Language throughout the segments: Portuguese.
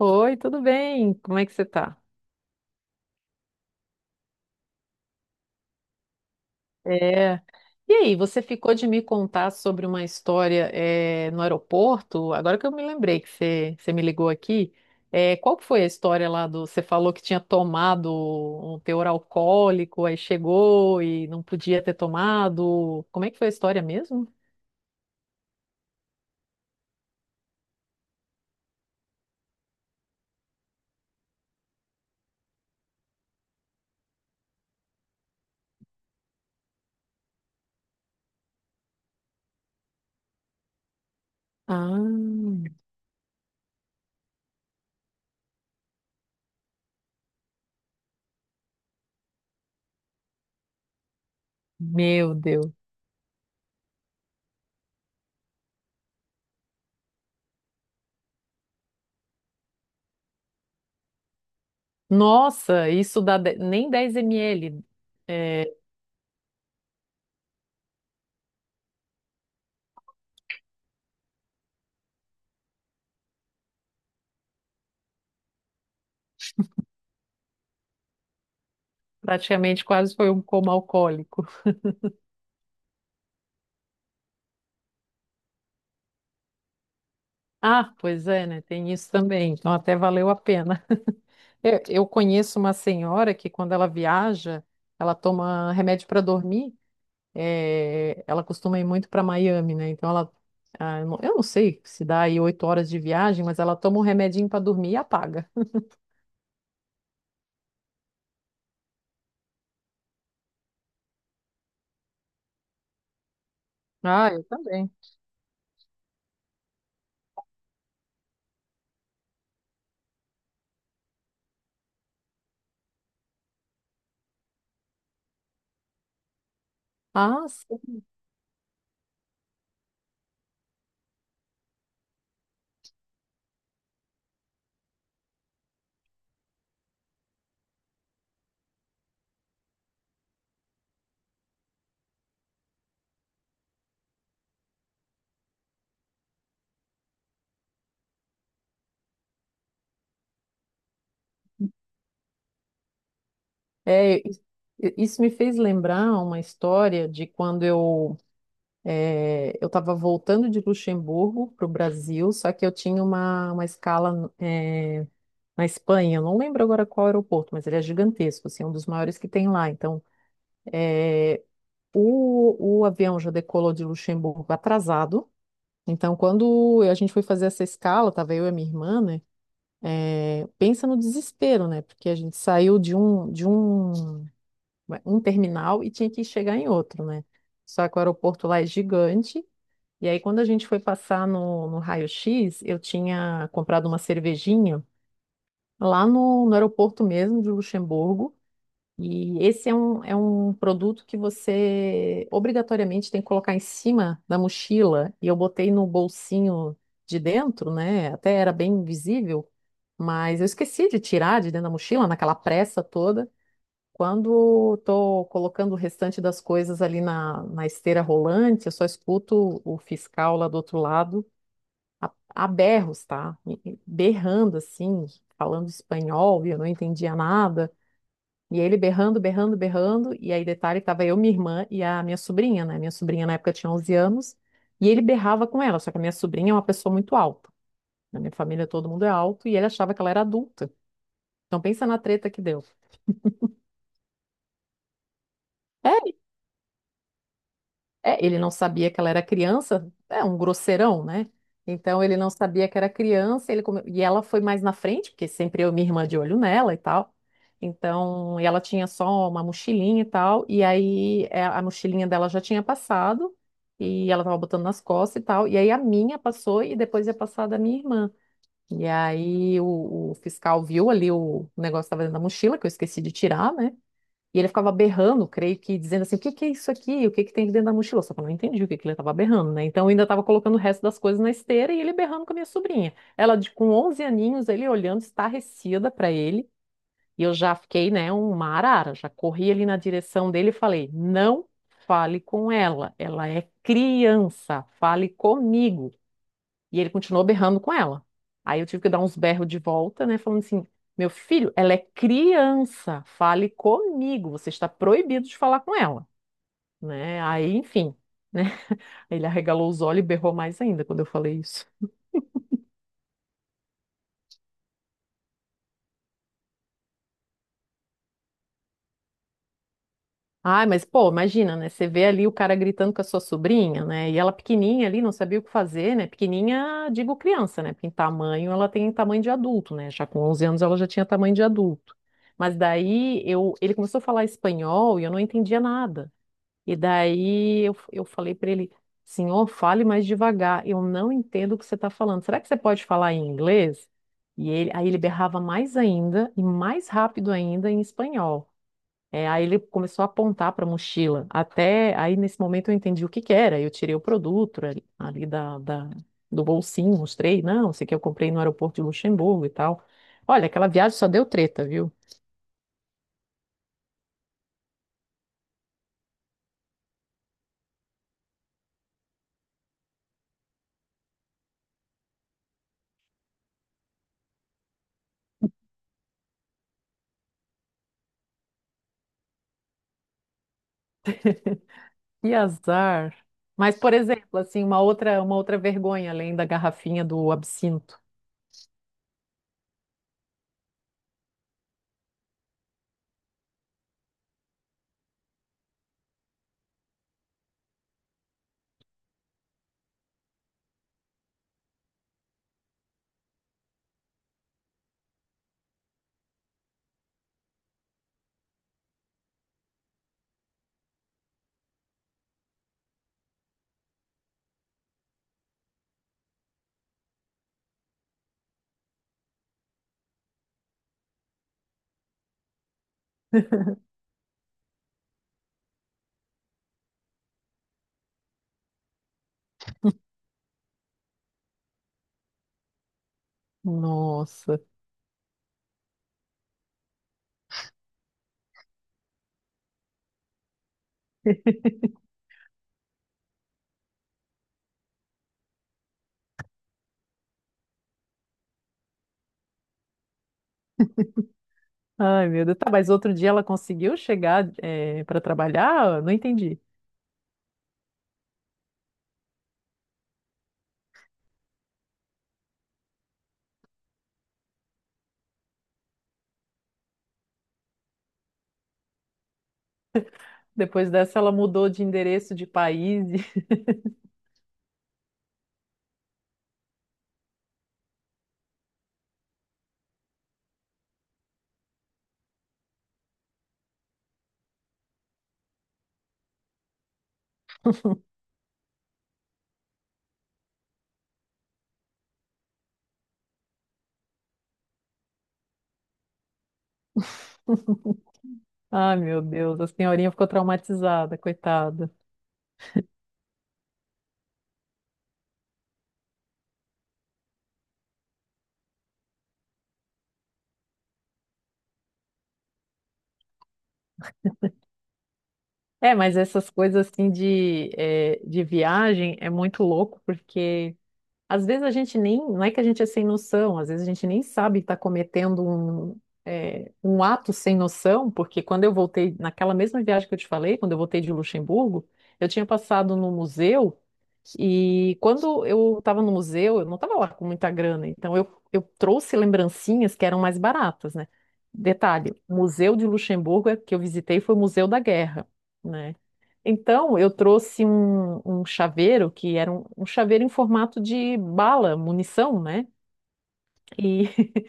Oi, tudo bem? Como é que você tá? É. E aí, você ficou de me contar sobre uma história no aeroporto? Agora que eu me lembrei que você me ligou aqui, qual que foi a história lá do. Você falou que tinha tomado um teor alcoólico, aí chegou e não podia ter tomado. Como é que foi a história mesmo? Ah, meu Deus. Nossa, isso dá de- nem 10 ml. É, praticamente quase foi um coma alcoólico. Ah, pois é, né? Tem isso também. Então até valeu a pena. Eu conheço uma senhora que quando ela viaja, ela toma remédio para dormir. É, ela costuma ir muito para Miami, né? Então ela, ah, eu não sei se dá aí 8 horas de viagem, mas ela toma um remedinho para dormir e apaga. Ah, eu também. Ah, sim. É, isso me fez lembrar uma história de quando eu estava voltando de Luxemburgo para o Brasil, só que eu tinha uma escala, na Espanha, eu não lembro agora qual aeroporto, mas ele é gigantesco, assim, é um dos maiores que tem lá. Então, o avião já decolou de Luxemburgo atrasado. Então, quando a gente foi fazer essa escala, tava eu e a minha irmã, né? É, pensa no desespero, né? Porque a gente saiu de um terminal e tinha que chegar em outro, né? Só que o aeroporto lá é gigante. E aí, quando a gente foi passar no raio-x, eu tinha comprado uma cervejinha lá no aeroporto mesmo de Luxemburgo. E esse é um produto que você obrigatoriamente tem que colocar em cima da mochila. E eu botei no bolsinho de dentro, né? Até era bem visível, mas eu esqueci de tirar de dentro da mochila, naquela pressa toda. Quando estou colocando o restante das coisas ali na esteira rolante, eu só escuto o fiscal lá do outro lado a berros, tá? Berrando assim, falando espanhol, e eu não entendia nada. E ele berrando, berrando, berrando. E aí, detalhe, tava eu, minha irmã e a minha sobrinha, né? Minha sobrinha na época tinha 11 anos. E ele berrava com ela, só que a minha sobrinha é uma pessoa muito alta. Na minha família todo mundo é alto e ele achava que ela era adulta. Então pensa na treta que deu. É. É, ele não sabia que ela era criança, é um grosseirão, né? Então ele não sabia que era criança, e ela foi mais na frente, porque sempre eu e minha irmã de olho nela e tal. Então, e ela tinha só uma mochilinha e tal, e aí a mochilinha dela já tinha passado, e ela tava botando nas costas e tal, e aí a minha passou e depois ia passar a da minha irmã. E aí o fiscal viu ali o negócio que tava dentro da mochila, que eu esqueci de tirar, né? E ele ficava berrando, creio que, dizendo assim, o que que é isso aqui? O que que tem aqui dentro da mochila? Só que eu não entendi o que que ele estava berrando, né? Então eu ainda estava colocando o resto das coisas na esteira e ele berrando com a minha sobrinha. Ela, com 11 aninhos, ele olhando estarrecida para ele. E eu já fiquei, né, uma arara. Já corri ali na direção dele e falei, não fale com ela. Ela é criança, fale comigo. E ele continuou berrando com ela. Aí eu tive que dar uns berros de volta, né? Falando assim: meu filho, ela é criança, fale comigo, você está proibido de falar com ela, né? Aí, enfim, né? Ele arregalou os olhos e berrou mais ainda quando eu falei isso. Ai, mas pô, imagina, né? Você vê ali o cara gritando com a sua sobrinha, né? E ela pequenininha ali, não sabia o que fazer, né? Pequenininha, digo criança, né? Porque em tamanho ela tem tamanho de adulto, né? Já com 11 anos ela já tinha tamanho de adulto. Mas daí eu, ele começou a falar espanhol e eu não entendia nada. E daí eu falei para ele, senhor, fale mais devagar, eu não entendo o que você está falando. Será que você pode falar em inglês? E ele, aí ele berrava mais ainda e mais rápido ainda em espanhol. É, aí ele começou a apontar para a mochila. Até aí, nesse momento, eu entendi o que que era. Eu tirei o produto ali, ali do bolsinho, mostrei. Não, isso aqui eu comprei no aeroporto de Luxemburgo e tal. Olha, aquela viagem só deu treta, viu? Que azar. Mas, por exemplo, assim, uma outra vergonha, além da garrafinha do absinto. Nossa. Ai, meu Deus. Tá, mas outro dia ela conseguiu chegar, para trabalhar? Não entendi. Depois dessa, ela mudou de endereço de país. Ai, meu Deus, a senhorinha ficou traumatizada, coitada. É, mas essas coisas assim de, de viagem é muito louco, porque. Às vezes a gente nem, não é que a gente é sem noção, às vezes a gente nem sabe que está cometendo um ato sem noção, porque quando eu voltei, naquela mesma viagem que eu te falei, quando eu voltei de Luxemburgo, eu tinha passado no museu e quando eu estava no museu, eu não estava lá com muita grana, então eu trouxe lembrancinhas que eram mais baratas, né? Detalhe, o museu de Luxemburgo é, que eu visitei foi o Museu da Guerra, né? Então, eu trouxe um chaveiro que era um chaveiro em formato de bala, munição, né? E,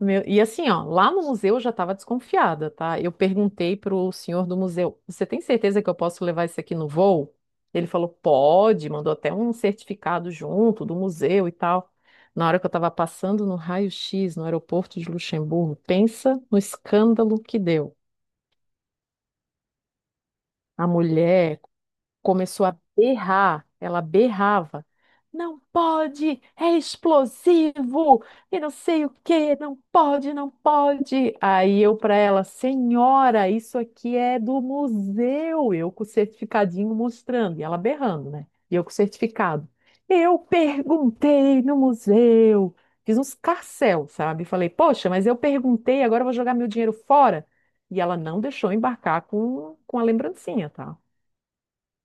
meu- e assim, ó, lá no museu eu já estava desconfiada, tá? Eu perguntei pro senhor do museu: Você tem certeza que eu posso levar isso aqui no voo? Ele falou: Pode, mandou até um certificado junto do museu e tal. Na hora que eu estava passando no raio-x no aeroporto de Luxemburgo, pensa no escândalo que deu. A mulher começou a berrar, ela berrava. Não pode, é explosivo, e não sei o quê, não pode, não pode. Aí eu para ela, senhora, isso aqui é do museu, eu com o certificadinho mostrando, e ela berrando, né? E eu com o certificado. Eu perguntei no museu, fiz uns carcel, sabe? Falei, poxa, mas eu perguntei, agora eu vou jogar meu dinheiro fora. E ela não deixou embarcar com a lembrancinha, tá?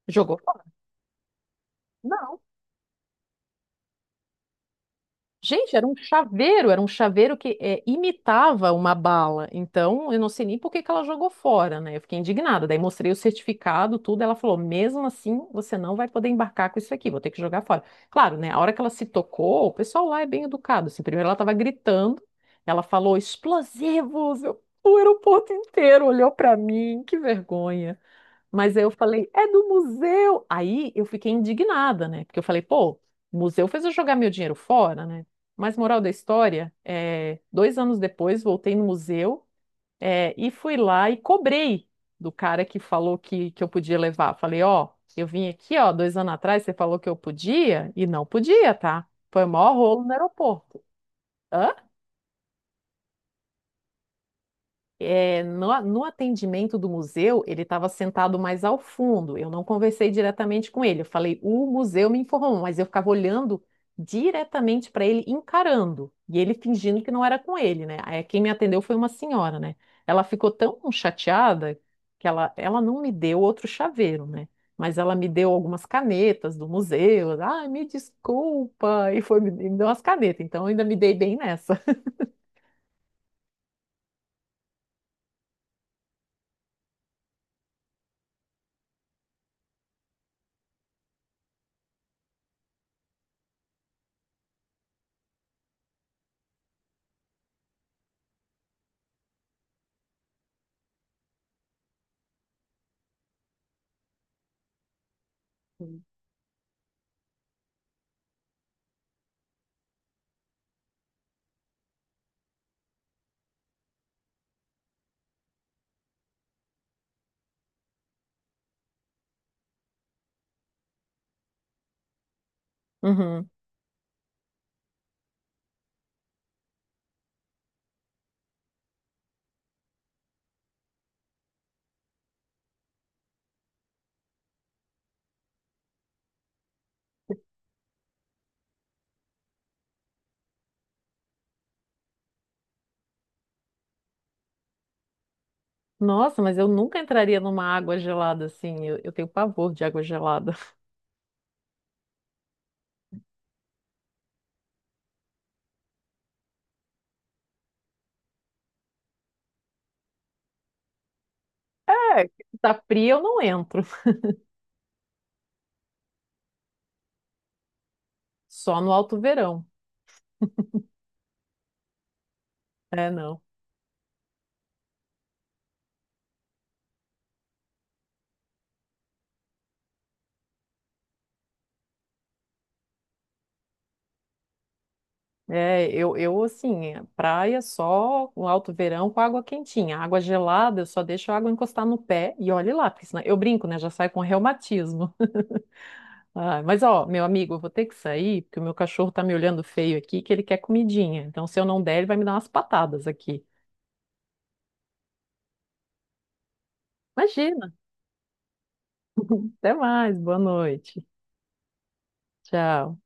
Jogou não. Gente, era um chaveiro que é, imitava uma bala. Então, eu não sei nem por que que ela jogou fora, né? Eu fiquei indignada. Daí mostrei o certificado, tudo. Ela falou: mesmo assim, você não vai poder embarcar com isso aqui, vou ter que jogar fora. Claro, né? A hora que ela se tocou, o pessoal lá é bem educado. Assim, primeiro ela estava gritando, ela falou: explosivos! Eu- O aeroporto inteiro olhou para mim, que vergonha. Mas aí eu falei, é do museu. Aí eu fiquei indignada, né? Porque eu falei, pô, o museu fez eu jogar meu dinheiro fora, né? Mas moral da história, 2 anos depois voltei no museu, e fui lá e cobrei do cara que falou que eu podia levar. Falei, ó, eu vim aqui, ó, 2 anos atrás, você falou que eu podia e não podia, tá? Foi o maior rolo no aeroporto. Hã? É, no atendimento do museu, ele estava sentado mais ao fundo. Eu não conversei diretamente com ele. Eu falei, o museu me informou, mas eu ficava olhando diretamente para ele, encarando. E ele fingindo que não era com ele, né? Aí quem me atendeu foi uma senhora, né? Ela ficou tão chateada que ela não me deu outro chaveiro, né? Mas ela me deu algumas canetas do museu. Ah, me desculpa. E foi, me deu umas canetas. Então eu ainda me dei bem nessa. Uhum. Nossa, mas eu nunca entraria numa água gelada assim. Eu tenho pavor de água gelada. É, tá fria, eu não entro. Só no alto verão. É, não. É, eu assim, é praia só no alto verão com água quentinha. Água gelada, eu só deixo a água encostar no pé e olhe lá, porque senão eu brinco, né? Já saio com reumatismo. Ah, mas ó, meu amigo, eu vou ter que sair, porque o meu cachorro tá me olhando feio aqui, que ele quer comidinha. Então, se eu não der, ele vai me dar umas patadas aqui. Imagina. Até mais. Boa noite. Tchau.